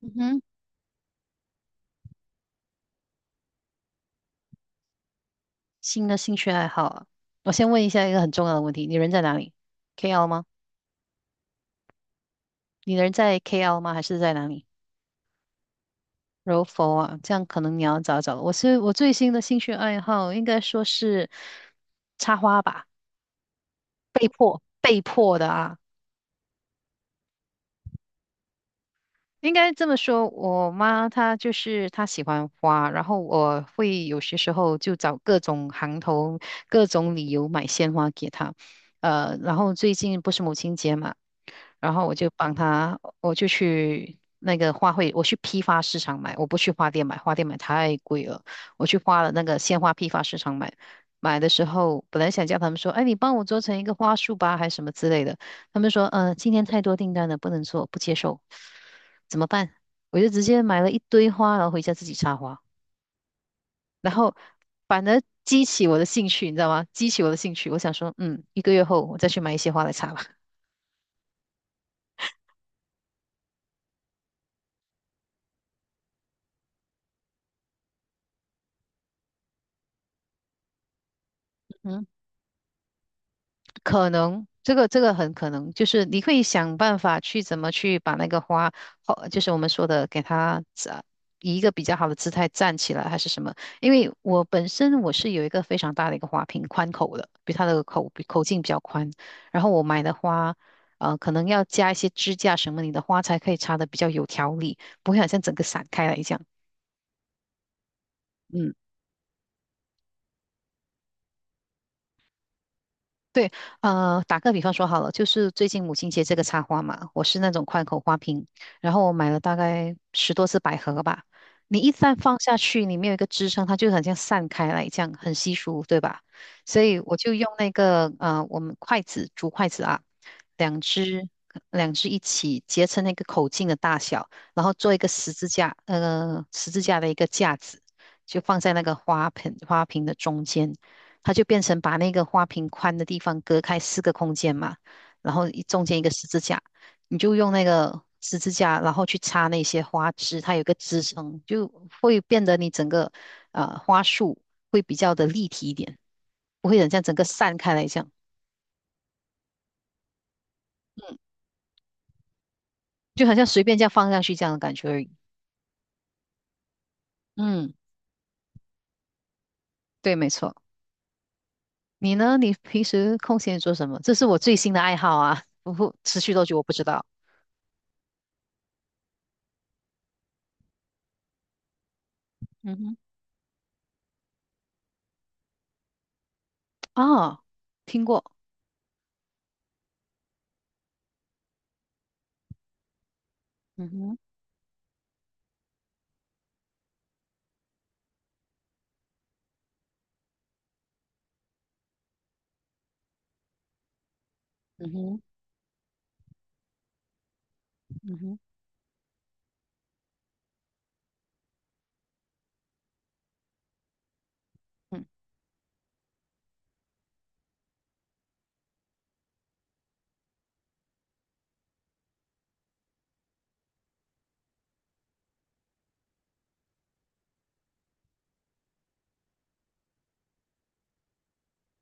嗯哼，新的兴趣爱好啊，我先问一下一个很重要的问题：你人在哪里？KL 吗？你人在 KL 吗？还是在哪里？柔佛啊，这样可能你要找找了我最新的兴趣爱好，应该说是插花吧，被迫的啊，应该这么说，我妈她就是她喜欢花，然后我会有些时候就找各种行头、各种理由买鲜花给她。然后最近不是母亲节嘛，然后我就帮她，我就去那个花卉，我去批发市场买，我不去花店买，花店买太贵了，我去花了那个鲜花批发市场买。买的时候，本来想叫他们说，哎，你帮我做成一个花束吧，还是什么之类的。他们说，今天太多订单了，不能做，不接受，怎么办？我就直接买了一堆花，然后回家自己插花，然后反而激起我的兴趣，你知道吗？激起我的兴趣，我想说，嗯，一个月后我再去买一些花来插吧。嗯。可能这个很可能，就是你会想办法去怎么去把那个花，花就是我们说的给它站，以一个比较好的姿态站起来，还是什么？因为我本身我是有一个非常大的一个花瓶，宽口的，比它的口比口径比较宽。然后我买的花，可能要加一些支架什么，你的花才可以插的比较有条理，不会好像整个散开来一样。嗯。对，打个比方说好了，就是最近母亲节这个插花嘛，我是那种宽口花瓶，然后我买了大概十多只百合吧。你一旦放下去，你面有一个支撑，它就很像散开来这样，很稀疏，对吧？所以我就用那个我们筷子，竹筷子啊，两只两只一起结成那个口径的大小，然后做一个十字架，十字架的一个架子，就放在那个花盆花瓶的中间。它就变成把那个花瓶宽的地方隔开四个空间嘛，然后一中间一个十字架，你就用那个十字架，然后去插那些花枝，它有一个支撑，就会变得你整个花束会比较的立体一点，不会很像整个散开来这样，嗯，就好像随便这样放上去这样的感觉而已。嗯，对，没错。你呢？你平时空闲做什么？这是我最新的爱好啊，不过持续多久我不知道。嗯哼，哦，听过。嗯哼，嗯哼，嗯哼。嗯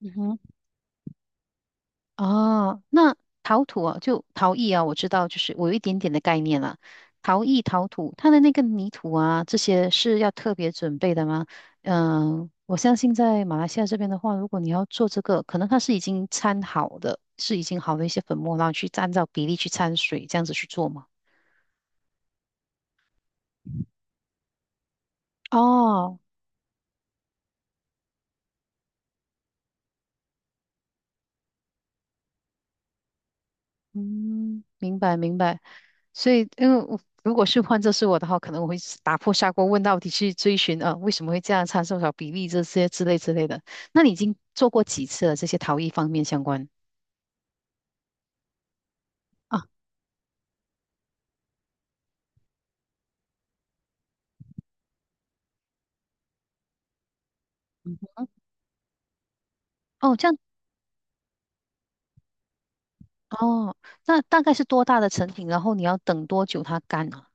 嗯哼，哦，那陶土啊，就陶艺啊，我知道，就是我有一点点的概念了。陶艺、陶土，它的那个泥土啊，这些是要特别准备的吗？嗯、我相信在马来西亚这边的话，如果你要做这个，可能它是已经掺好的，是已经好的一些粉末，然后去按照比例去掺水，这样子去做吗？哦，嗯，明白明白。所以，因为我如果是换作是我的话，可能我会是打破砂锅问到底去追寻啊，为什么会这样，参数少比例这些之类之类的。那你已经做过几次了？这些陶艺方面相关？啊，嗯哦，这样哦，那大概是多大的成品？然后你要等多久它干啊？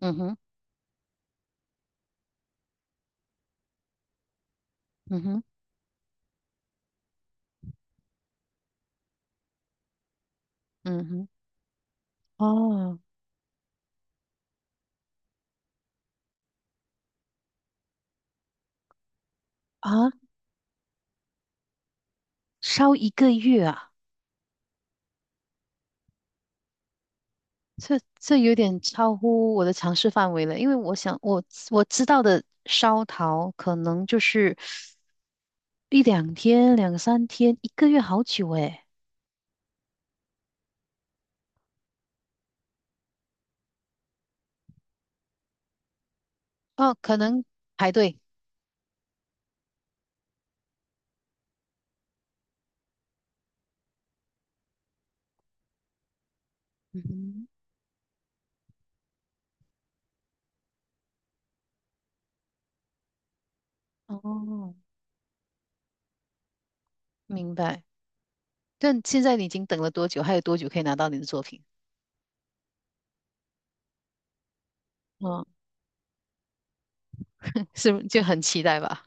嗯哼，嗯哼，嗯哼，哦啊，烧一个月啊，这这有点超乎我的尝试范围了。因为我想，我我知道的烧陶可能就是。一两天、两三天、一个月，好久诶。哦，可能排队。嗯哼，哦，明白。但现在你已经等了多久？还有多久可以拿到你的作品？嗯，是不是就很期待吧？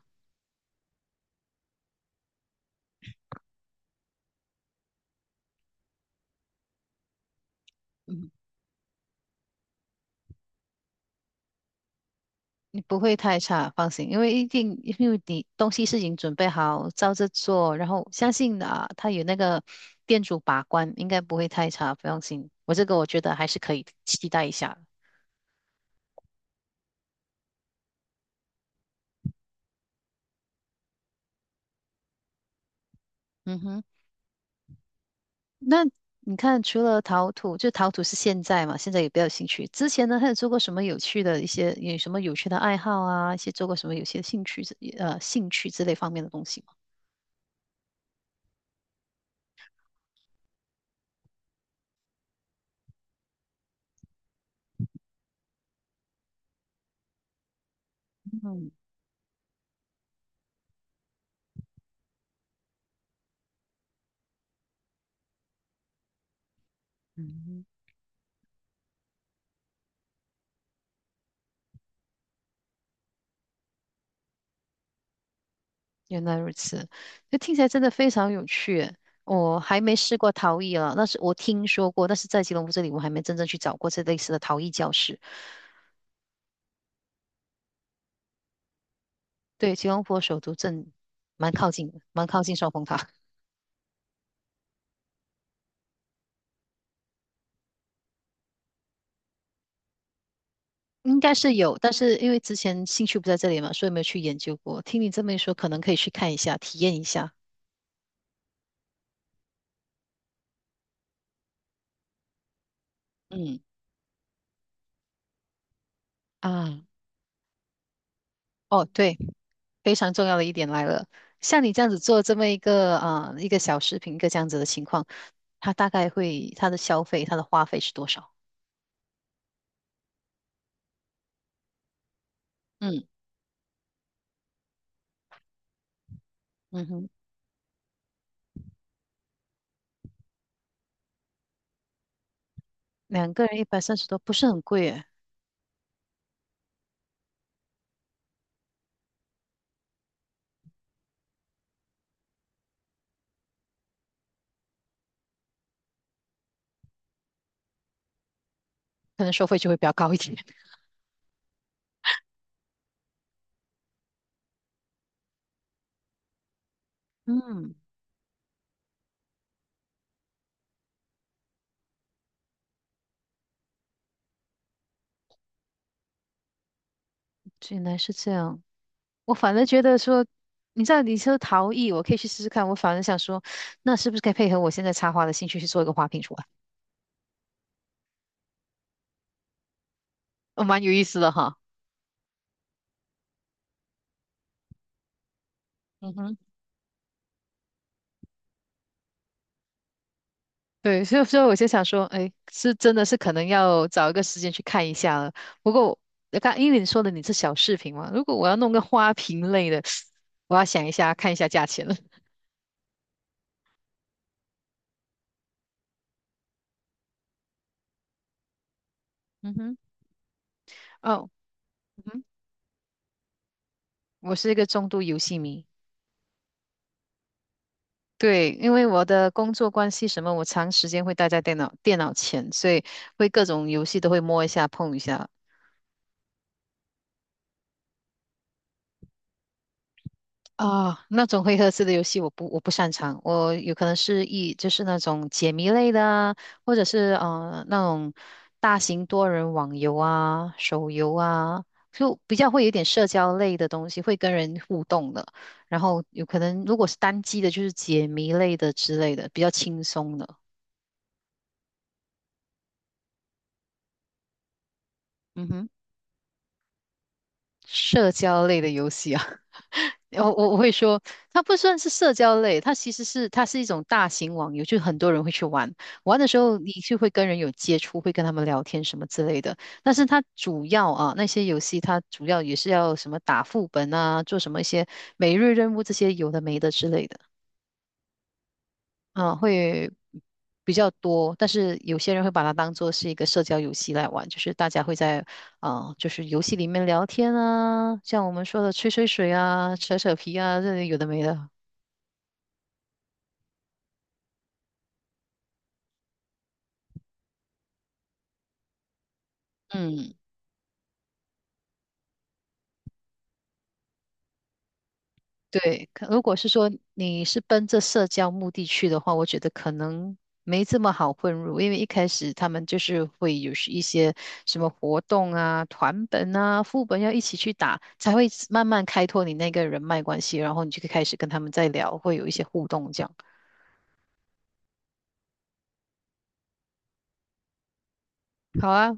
嗯，你不会太差，放心，因为一定，因为你东西是已经准备好，照着做，然后相信啊，他有那个店主把关，应该不会太差，不用心。我这个我觉得还是可以期待一下。嗯哼。那你看，除了陶土，就陶土是现在嘛，现在也比较有兴趣。之前呢，还有做过什么有趣的一些，有什么有趣的爱好啊？一些做过什么有些兴趣之，兴趣之类方面的东西吗？嗯嗯，原来如此，就听起来真的非常有趣耶我还没试过陶艺啊，那是我听说过，但是在吉隆坡这里，我还没真正去找过这类似的陶艺教室。对，吉隆坡首都镇蛮靠近的，蛮靠近双峰塔。应该是有，但是因为之前兴趣不在这里嘛，所以没有去研究过。听你这么一说，可能可以去看一下，体验一下。嗯啊，哦，对，非常重要的一点来了，像你这样子做这么一个啊、一个小视频，一个这样子的情况，它大概会它的消费，它的花费是多少？嗯嗯哼，两个人130多，不是很贵诶，可能收费就会比较高一点。嗯，原来是这样。我反而觉得说，你知道你说陶艺，我可以去试试看。我反而想说，那是不是可以配合我现在插花的兴趣去做一个花瓶出来？哦，蛮有意思的哈。嗯哼。对，所以我就想说，哎，是真的是可能要找一个时间去看一下了。不过刚因为你说的你是小饰品嘛，如果我要弄个花瓶类的，我要想一下看一下价钱了。嗯哼，哦，嗯哼，我是一个重度游戏迷。对，因为我的工作关系什么，我长时间会待在电脑前，所以会各种游戏都会摸一下、碰一下啊。那种回合制的游戏我不擅长，我有可能是就是那种解谜类的啊，或者是那种大型多人网游啊、手游啊，就比较会有点社交类的东西，会跟人互动的。然后有可能如果是单机的，就是解谜类的之类的，比较轻松的。嗯哼，社交类的游戏啊。我会说，它不算是社交类，它其实是它是一种大型网游，就很多人会去玩。玩的时候，你就会跟人有接触，会跟他们聊天什么之类的。但是它主要啊，那些游戏它主要也是要什么打副本啊，做什么一些每日任务这些有的没的之类的啊，会比较多。但是有些人会把它当做是一个社交游戏来玩，就是大家会在啊、就是游戏里面聊天啊，像我们说的吹吹水啊、扯扯皮啊，这里有的没的。嗯，对，可如果是说你是奔着社交目的去的话，我觉得可能没这么好混入，因为一开始他们就是会有是一些什么活动啊、团本啊、副本要一起去打，才会慢慢开拓你那个人脉关系，然后你就可以开始跟他们在聊，会有一些互动这样。好啊，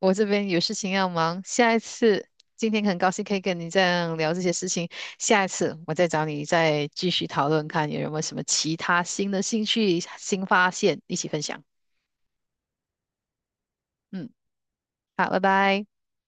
我这边有事情要忙，下一次，今天很高兴可以跟你这样聊这些事情，下一次我再找你再继续讨论，看有没有什么其他新的兴趣、新发现，一起分享。嗯，好，拜拜。